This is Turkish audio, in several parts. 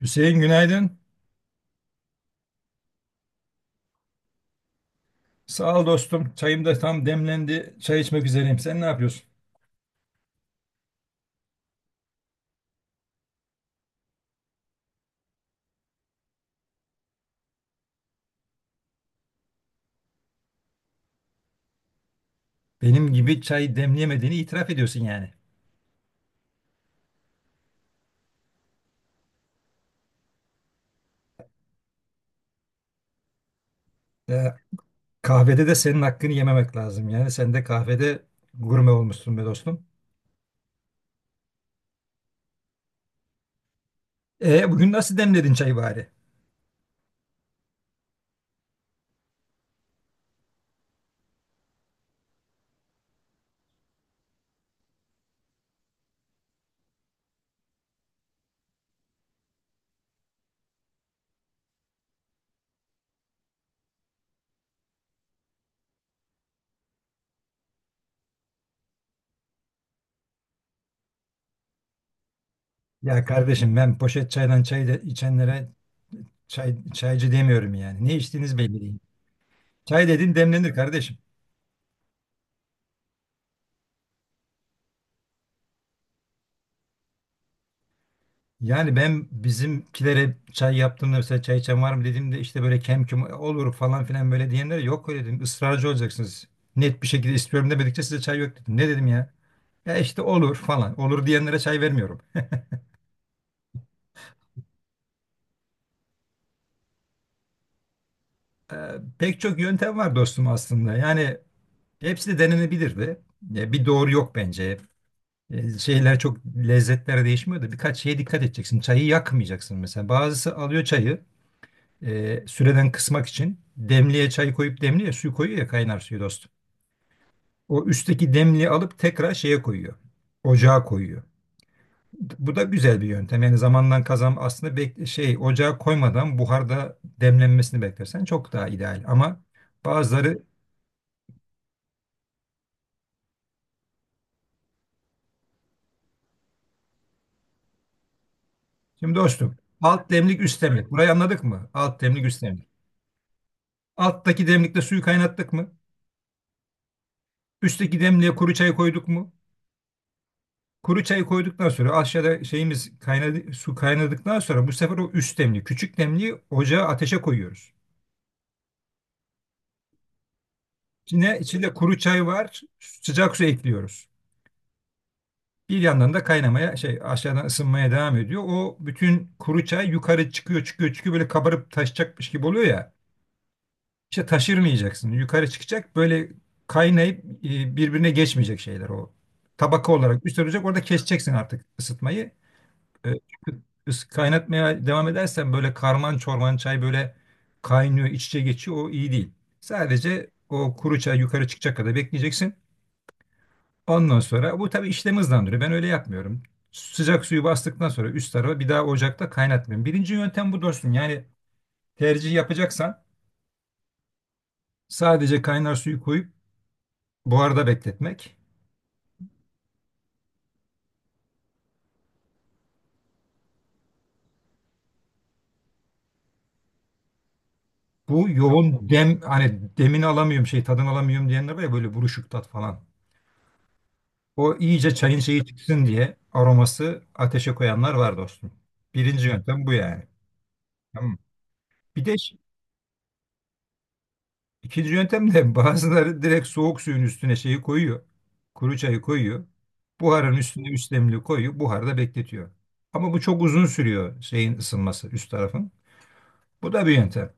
Hüseyin, günaydın. Sağ ol dostum. Çayım da tam demlendi. Çay içmek üzereyim. Sen ne yapıyorsun? Benim gibi çay demleyemediğini itiraf ediyorsun yani. Ya, kahvede de senin hakkını yememek lazım. Yani sen de kahvede gurme olmuşsun be dostum. E, bugün nasıl demledin çayı bari? Ya kardeşim, ben poşet çaydan çay de içenlere çay, çaycı demiyorum yani. Ne içtiğiniz belli değil. Çay dedin, demlenir kardeşim. Yani ben bizimkilere çay yaptığımda mesela çay içen var mı dediğimde işte böyle kem küm olur falan filan böyle diyenlere yok öyle dedim. Israrcı olacaksınız. Net bir şekilde istiyorum demedikçe size çay yok dedim. Ne dedim ya? Ya işte olur falan. Olur diyenlere çay vermiyorum. Ee, pek çok yöntem var dostum aslında. Yani hepsi de denenebilirdi. Ya bir doğru yok bence. Şeyler çok, lezzetler değişmiyor da birkaç şeye dikkat edeceksin. Çayı yakmayacaksın mesela. Bazısı alıyor çayı. Süreden kısmak için demliğe çay koyup demliğe su koyuyor ya, kaynar suyu dostum. O üstteki demliği alıp tekrar şeye koyuyor. Ocağa koyuyor. Bu da güzel bir yöntem. Yani zamandan kazan aslında, bek şey ocağa koymadan buharda demlenmesini beklersen çok daha ideal. Ama bazıları. Şimdi dostum, alt demlik üst demlik. Burayı anladık mı? Alt demlik, üst demlik. Alttaki demlikte suyu kaynattık mı? Üstteki demliğe kuru çay koyduk mu? Kuru çayı koyduktan sonra aşağıda şeyimiz kaynadı, su kaynadıktan sonra bu sefer o üst demli, küçük demliği ocağa, ateşe koyuyoruz. İçine, içinde kuru çay var, sıcak su ekliyoruz. Bir yandan da kaynamaya şey, aşağıdan ısınmaya devam ediyor. O bütün kuru çay yukarı çıkıyor, çıkıyor, çıkıyor, böyle kabarıp taşacakmış gibi oluyor ya. İşte taşırmayacaksın. Yukarı çıkacak böyle kaynayıp birbirine geçmeyecek şeyler o. Tabaka olarak üstte olacak, orada keseceksin artık ısıtmayı. Çünkü kaynatmaya devam edersen böyle karman çorman çay böyle kaynıyor, iç içe geçiyor. O iyi değil. Sadece o kuru çay yukarı çıkacak kadar bekleyeceksin. Ondan sonra bu tabii işlemi hızlandırıyor. Ben öyle yapmıyorum. Sıcak suyu bastıktan sonra üst tarafa bir daha ocakta kaynatmıyorum. Birinci yöntem bu dostum. Yani tercih yapacaksan sadece kaynar suyu koyup buharda bekletmek. Bu yoğun dem, hani demini alamıyorum, şey, tadını alamıyorum diyenler var ya, böyle buruşuk tat falan. O iyice çayın şeyi çıksın diye, aroması, ateşe koyanlar var dostum. Birinci yöntem bu yani. Tamam. Bir de ikinci yöntem de bazıları direkt soğuk suyun üstüne şeyi koyuyor. Kuru çayı koyuyor. Buharın üstüne üç demli koyuyor. Buharda bekletiyor. Ama bu çok uzun sürüyor, şeyin ısınması, üst tarafın. Bu da bir yöntem.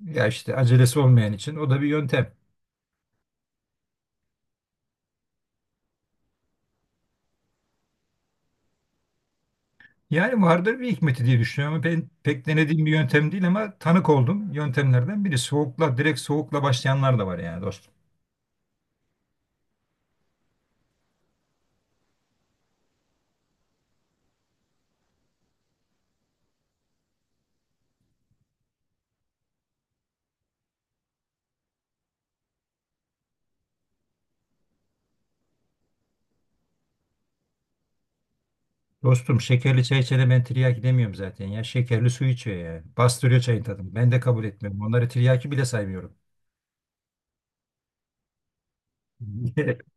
Ya işte acelesi olmayan için o da bir yöntem. Yani vardır bir hikmeti diye düşünüyorum. Ben pek denediğim bir yöntem değil ama tanık oldum yöntemlerden biri. Soğukla, direkt soğukla başlayanlar da var yani dostum. Dostum, şekerli çay içene ben tiryaki demiyorum zaten ya. Şekerli su içiyor yani. Bastırıyor çayın tadını. Ben de kabul etmiyorum. Onları tiryaki bile saymıyorum.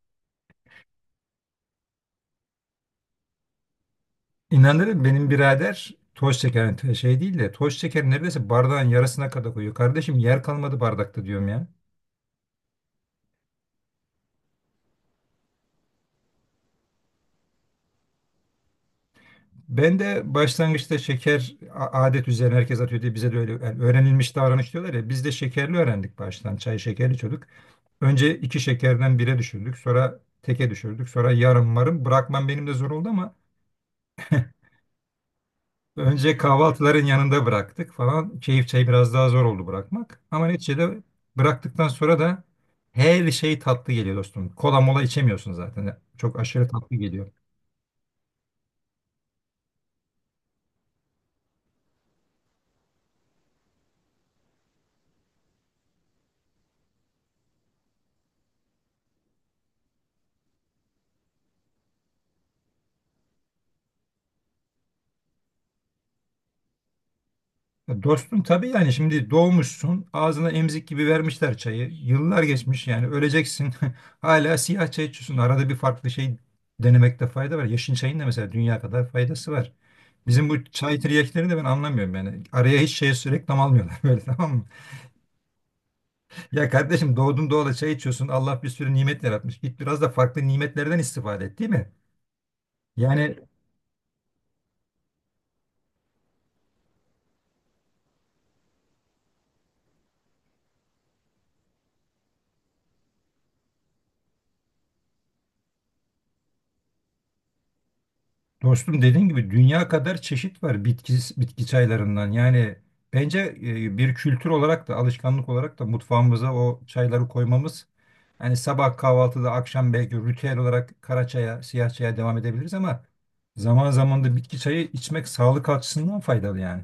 İnanırım, benim birader toz şeker, şey değil de, toz şeker neredeyse bardağın yarısına kadar koyuyor. Kardeşim, yer kalmadı bardakta diyorum ya. Ben de başlangıçta şeker adet üzerine herkes atıyor diye bize de öyle, yani öğrenilmiş davranış diyorlar ya, biz de şekerli öğrendik, baştan çay şekerli içiyorduk. Önce iki şekerden bire düşürdük, sonra teke düşürdük, sonra yarım marım, bırakmam benim de zor oldu ama önce kahvaltıların yanında bıraktık falan, keyif çayı biraz daha zor oldu bırakmak ama neticede bıraktıktan sonra da her şey tatlı geliyor dostum, kola mola içemiyorsun zaten, çok aşırı tatlı geliyor. Ya dostum, tabii yani, şimdi doğmuşsun, ağzına emzik gibi vermişler çayı. Yıllar geçmiş yani, öleceksin. Hala siyah çay içiyorsun. Arada bir farklı şey denemekte fayda var. Yeşil çayın da mesela dünya kadar faydası var. Bizim bu çay tiryakları de ben anlamıyorum yani. Araya hiç şey, reklam almıyorlar böyle, tamam mı? Ya kardeşim, doğdun doğalı çay içiyorsun. Allah bir sürü nimet yaratmış. Git biraz da farklı nimetlerden istifade et, değil mi? Yani dostum, dediğin gibi dünya kadar çeşit var, bitki, bitki çaylarından. Yani bence bir kültür olarak da, alışkanlık olarak da mutfağımıza o çayları koymamız, hani sabah kahvaltıda, akşam belki ritüel olarak kara çaya, siyah çaya devam edebiliriz ama zaman zaman da bitki çayı içmek sağlık açısından faydalı yani.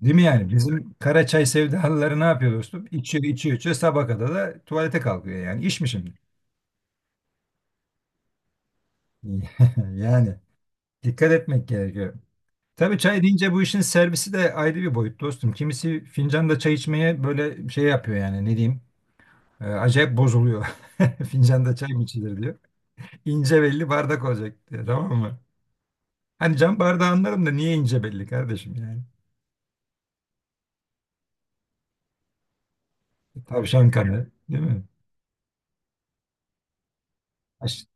Değil mi yani? Bizim kara çay sevdalıları ne yapıyor dostum? İçiyor, içiyor, içiyor. Sabaha kadar da tuvalete kalkıyor yani. İş mi şimdi? Yani dikkat etmek gerekiyor. Tabii çay deyince bu işin servisi de ayrı bir boyut dostum. Kimisi fincanda çay içmeye böyle şey yapıyor, yani ne diyeyim. Acayip bozuluyor. Fincanda çay mı içilir diyor. İnce belli bardak olacak diyor, tamam mı? Hani cam bardağı anlarım da niye ince belli kardeşim yani. E, tavşan kanı değil mi? Aş-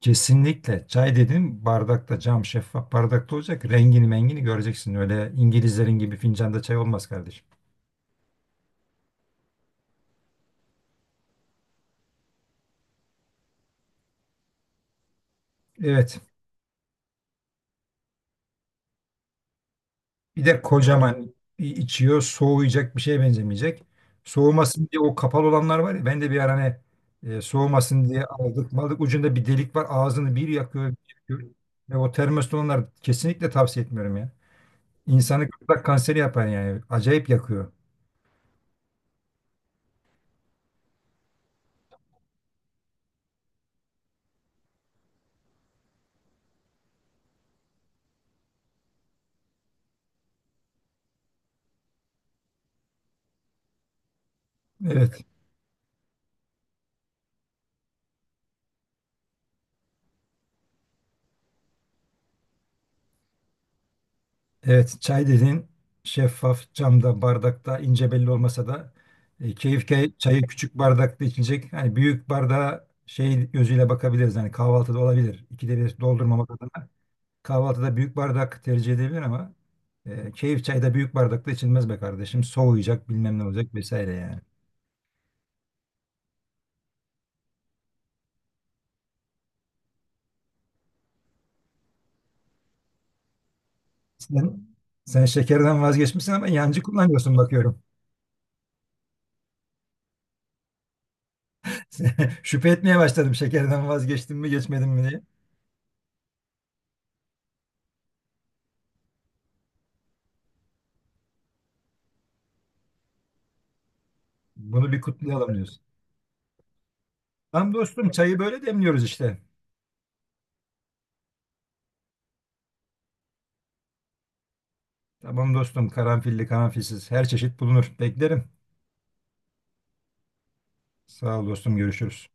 Kesinlikle çay dedim, bardakta, cam şeffaf bardakta olacak. Rengini mengini göreceksin, öyle İngilizlerin gibi fincanda çay olmaz kardeşim. Evet. Bir de kocaman içiyor. Soğuyacak bir şeye benzemeyecek. Soğumasın diye o kapalı olanlar var ya. Ben de bir ara hani, soğumasın diye aldık. Malık ucunda bir delik var. Ağzını bir yakıyor. Bir yakıyor. Ve o termos olanlar, kesinlikle tavsiye etmiyorum ya. İnsanı gırtlak kanseri yapar yani. Acayip yakıyor. Evet. Evet, çay dedin şeffaf camda, bardakta, ince belli olmasa da keyif çayı küçük bardakta içilecek. Hani büyük bardağa şey gözüyle bakabiliriz. Hani kahvaltıda olabilir. İkide bir doldurmamak adına. Kahvaltıda büyük bardak tercih edilebilir ama keyif çayda büyük bardakta içilmez be kardeşim. Soğuyacak, bilmem ne olacak vesaire yani. Sen, sen şekerden vazgeçmişsin ama yancı kullanıyorsun bakıyorum. Şüphe etmeye başladım, şekerden vazgeçtim mi geçmedim mi diye. Bunu bir kutlayalım. Tamam dostum, çayı böyle demliyoruz işte. Tamam dostum, karanfilli karanfilsiz her çeşit bulunur. Beklerim. Sağ ol dostum, görüşürüz.